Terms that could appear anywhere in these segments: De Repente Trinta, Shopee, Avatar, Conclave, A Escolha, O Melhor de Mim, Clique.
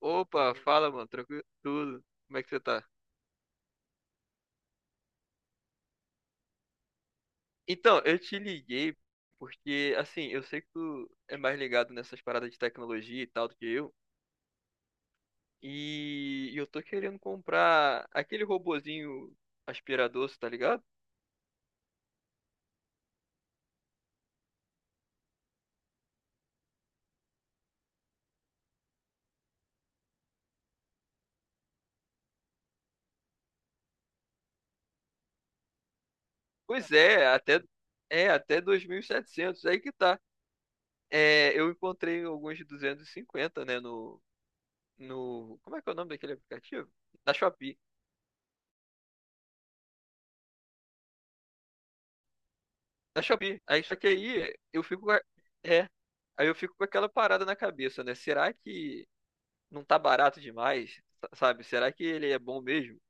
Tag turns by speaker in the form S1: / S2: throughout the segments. S1: Opa, fala, mano, tranquilo, tudo. Como é que você tá? Então, eu te liguei porque, assim, eu sei que tu é mais ligado nessas paradas de tecnologia e tal do que eu, eu tô querendo comprar aquele robozinho aspirador, cê tá ligado? Pois é até 2.700, aí que tá. É, eu encontrei alguns de 250, né, no, como é que é o nome daquele aplicativo? Na Shopee. Aí só que aí eu fico. É. Aí eu fico com aquela parada na cabeça, né? Será que não tá barato demais? Sabe? Será que ele é bom mesmo?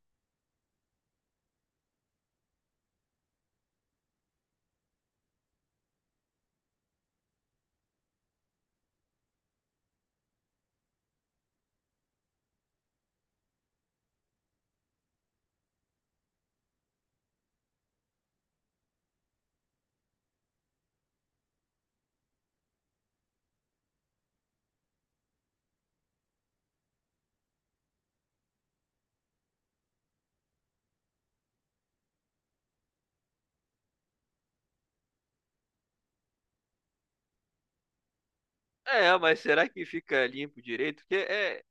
S1: É, mas será que fica limpo direito? Porque é.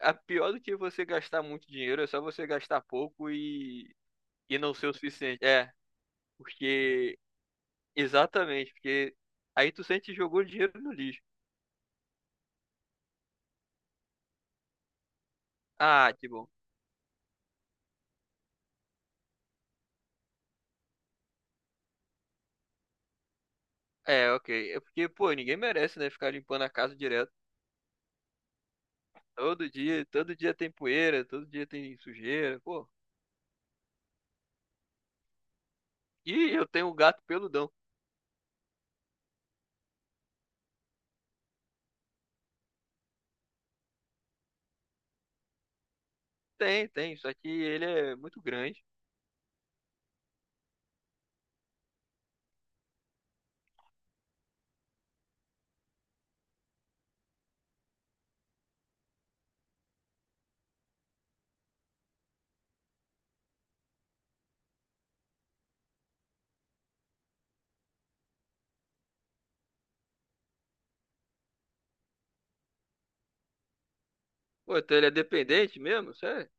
S1: A pior do que você gastar muito dinheiro é só você gastar pouco e não ser o suficiente. É, porque. Exatamente, porque aí tu sente que jogou dinheiro no lixo. Ah, que bom. É, ok. É porque, pô, ninguém merece, né? Ficar limpando a casa direto. Todo dia tem poeira, todo dia tem sujeira, pô. E eu tenho um gato peludão. Tem, tem, só que ele é muito grande. Pô, então ele é dependente mesmo, sério?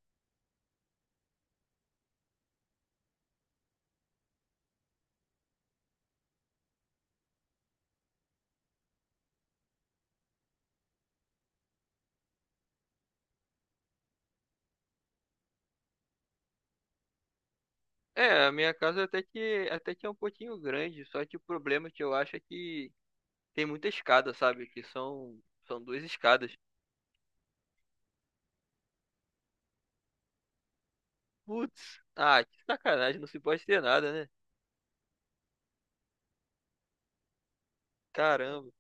S1: É, a minha casa até que é um pouquinho grande, só que o problema que eu acho é que tem muita escada, sabe? Que são duas escadas. Putz, ah, que sacanagem, não se pode ter nada, né? Caramba,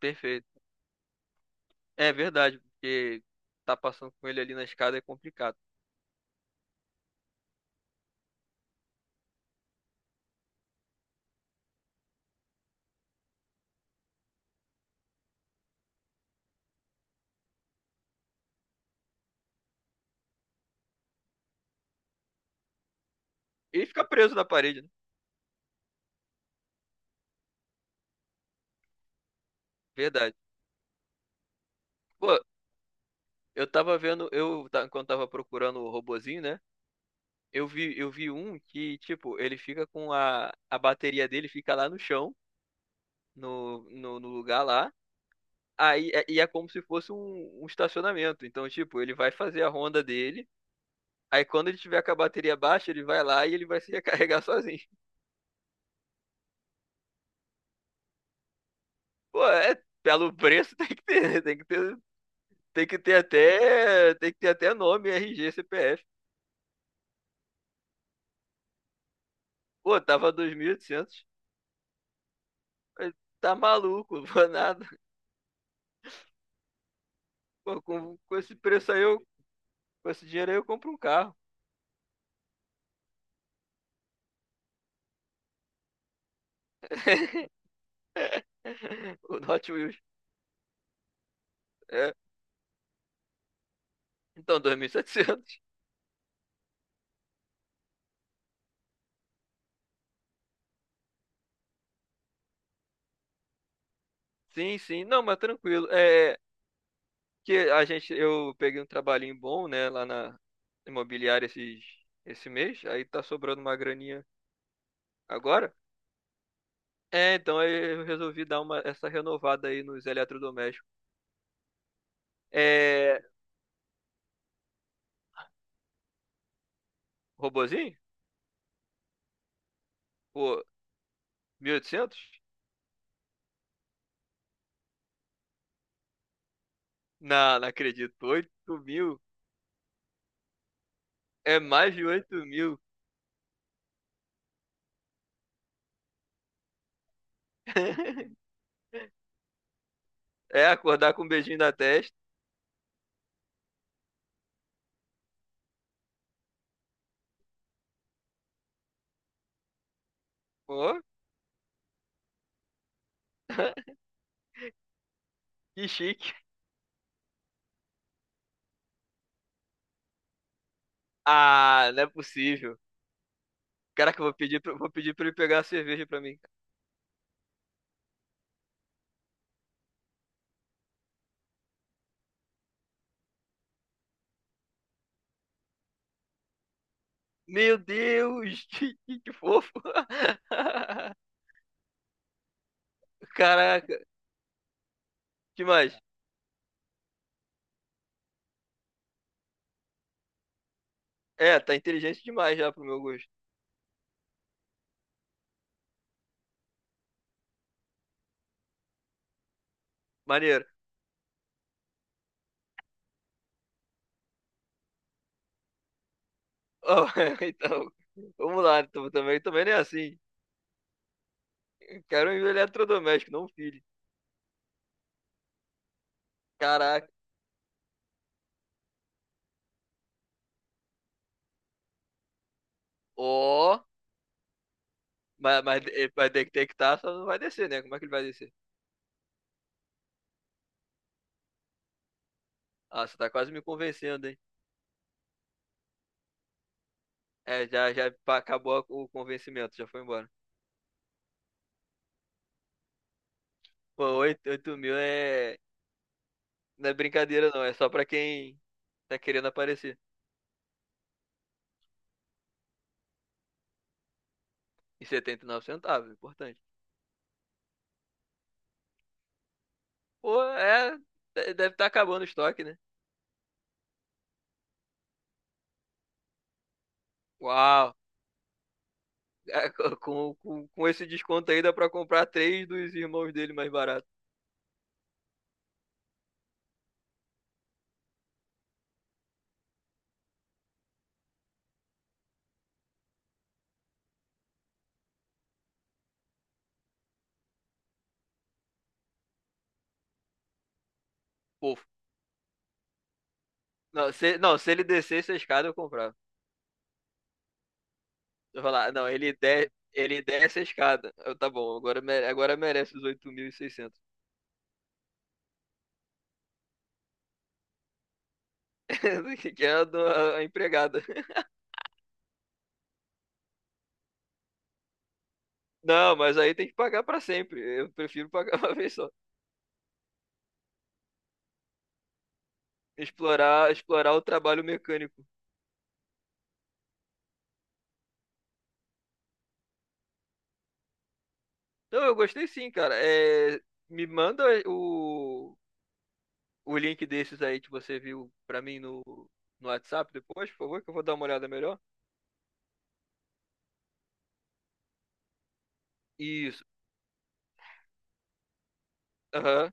S1: perfeito. É verdade, porque tá passando com ele ali na escada é complicado. Ele fica preso na parede, né? Verdade. Pô, eu tava vendo, quando tava procurando o robozinho, né? Eu vi um que, tipo, ele fica com a bateria dele fica lá no chão, no lugar lá. Aí e é como se fosse um estacionamento. Então, tipo, ele vai fazer a ronda dele. Aí quando ele tiver com a bateria baixa, ele vai lá e ele vai se recarregar sozinho. Pô, é, pelo preço tem que ter, né? Tem que ter, tem que ter até, tem que ter até nome, RG, CPF. Pô, tava 2.800. Tá maluco, vou nada. Pô, com esse dinheiro aí, eu compro um carro. O Hot Wheels. É. Então, 2.700. Sim, sim. Não, mas tranquilo. É que eu peguei um trabalhinho bom, né, lá na imobiliária esse mês. Aí tá sobrando uma graninha agora. É, então aí eu resolvi dar essa renovada aí nos eletrodomésticos. É, robozinho? Pô, 1.800? Não, não acredito. 8.000. É mais de 8.000. É, acordar com um beijinho na testa. Pô, que chique. Ah, não é possível. Caraca, eu vou pedir pra ele pegar a cerveja pra mim. Meu Deus, que fofo. Caraca, que mais? É, tá inteligente demais já pro meu gosto. Maneiro. Ó, então, vamos lá. Também, também não é assim. Quero um eletrodoméstico, não um filho. Caraca. Ó, mas, mas, mas tem que estar, só não vai descer, né? Como é que ele vai descer? Ah, você tá quase me convencendo, hein? É, já acabou o convencimento, já foi embora. Pô, 8, 8 mil é. Não é brincadeira, não. É só pra quem tá querendo aparecer. E 79 centavos, importante. Pô, é. Deve estar acabando o estoque, né? Uau! É, com esse desconto aí dá pra comprar três dos irmãos dele mais barato. Pô, não, se ele descesse a escada, eu comprava. Eu falar, não, ele desce a escada. Tá bom, agora merece os 8.600. Que é a, do- a empregada. Não, mas aí tem que pagar pra sempre. Eu prefiro pagar uma vez só. Explorar o trabalho mecânico. Não, eu gostei sim, cara. É, me manda o link desses aí que você viu pra mim no WhatsApp depois, por favor, que eu vou dar uma olhada melhor. Isso. Aham.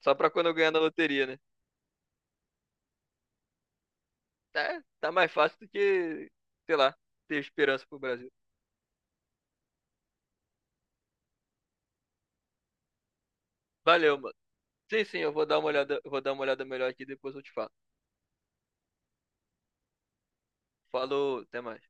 S1: Só pra quando eu ganhar na loteria, né? Tá mais fácil do que, sei lá, ter esperança pro Brasil. Valeu, mano. Sim, sim, eu vou dar uma olhada melhor aqui e depois eu te falo. Falou, até mais.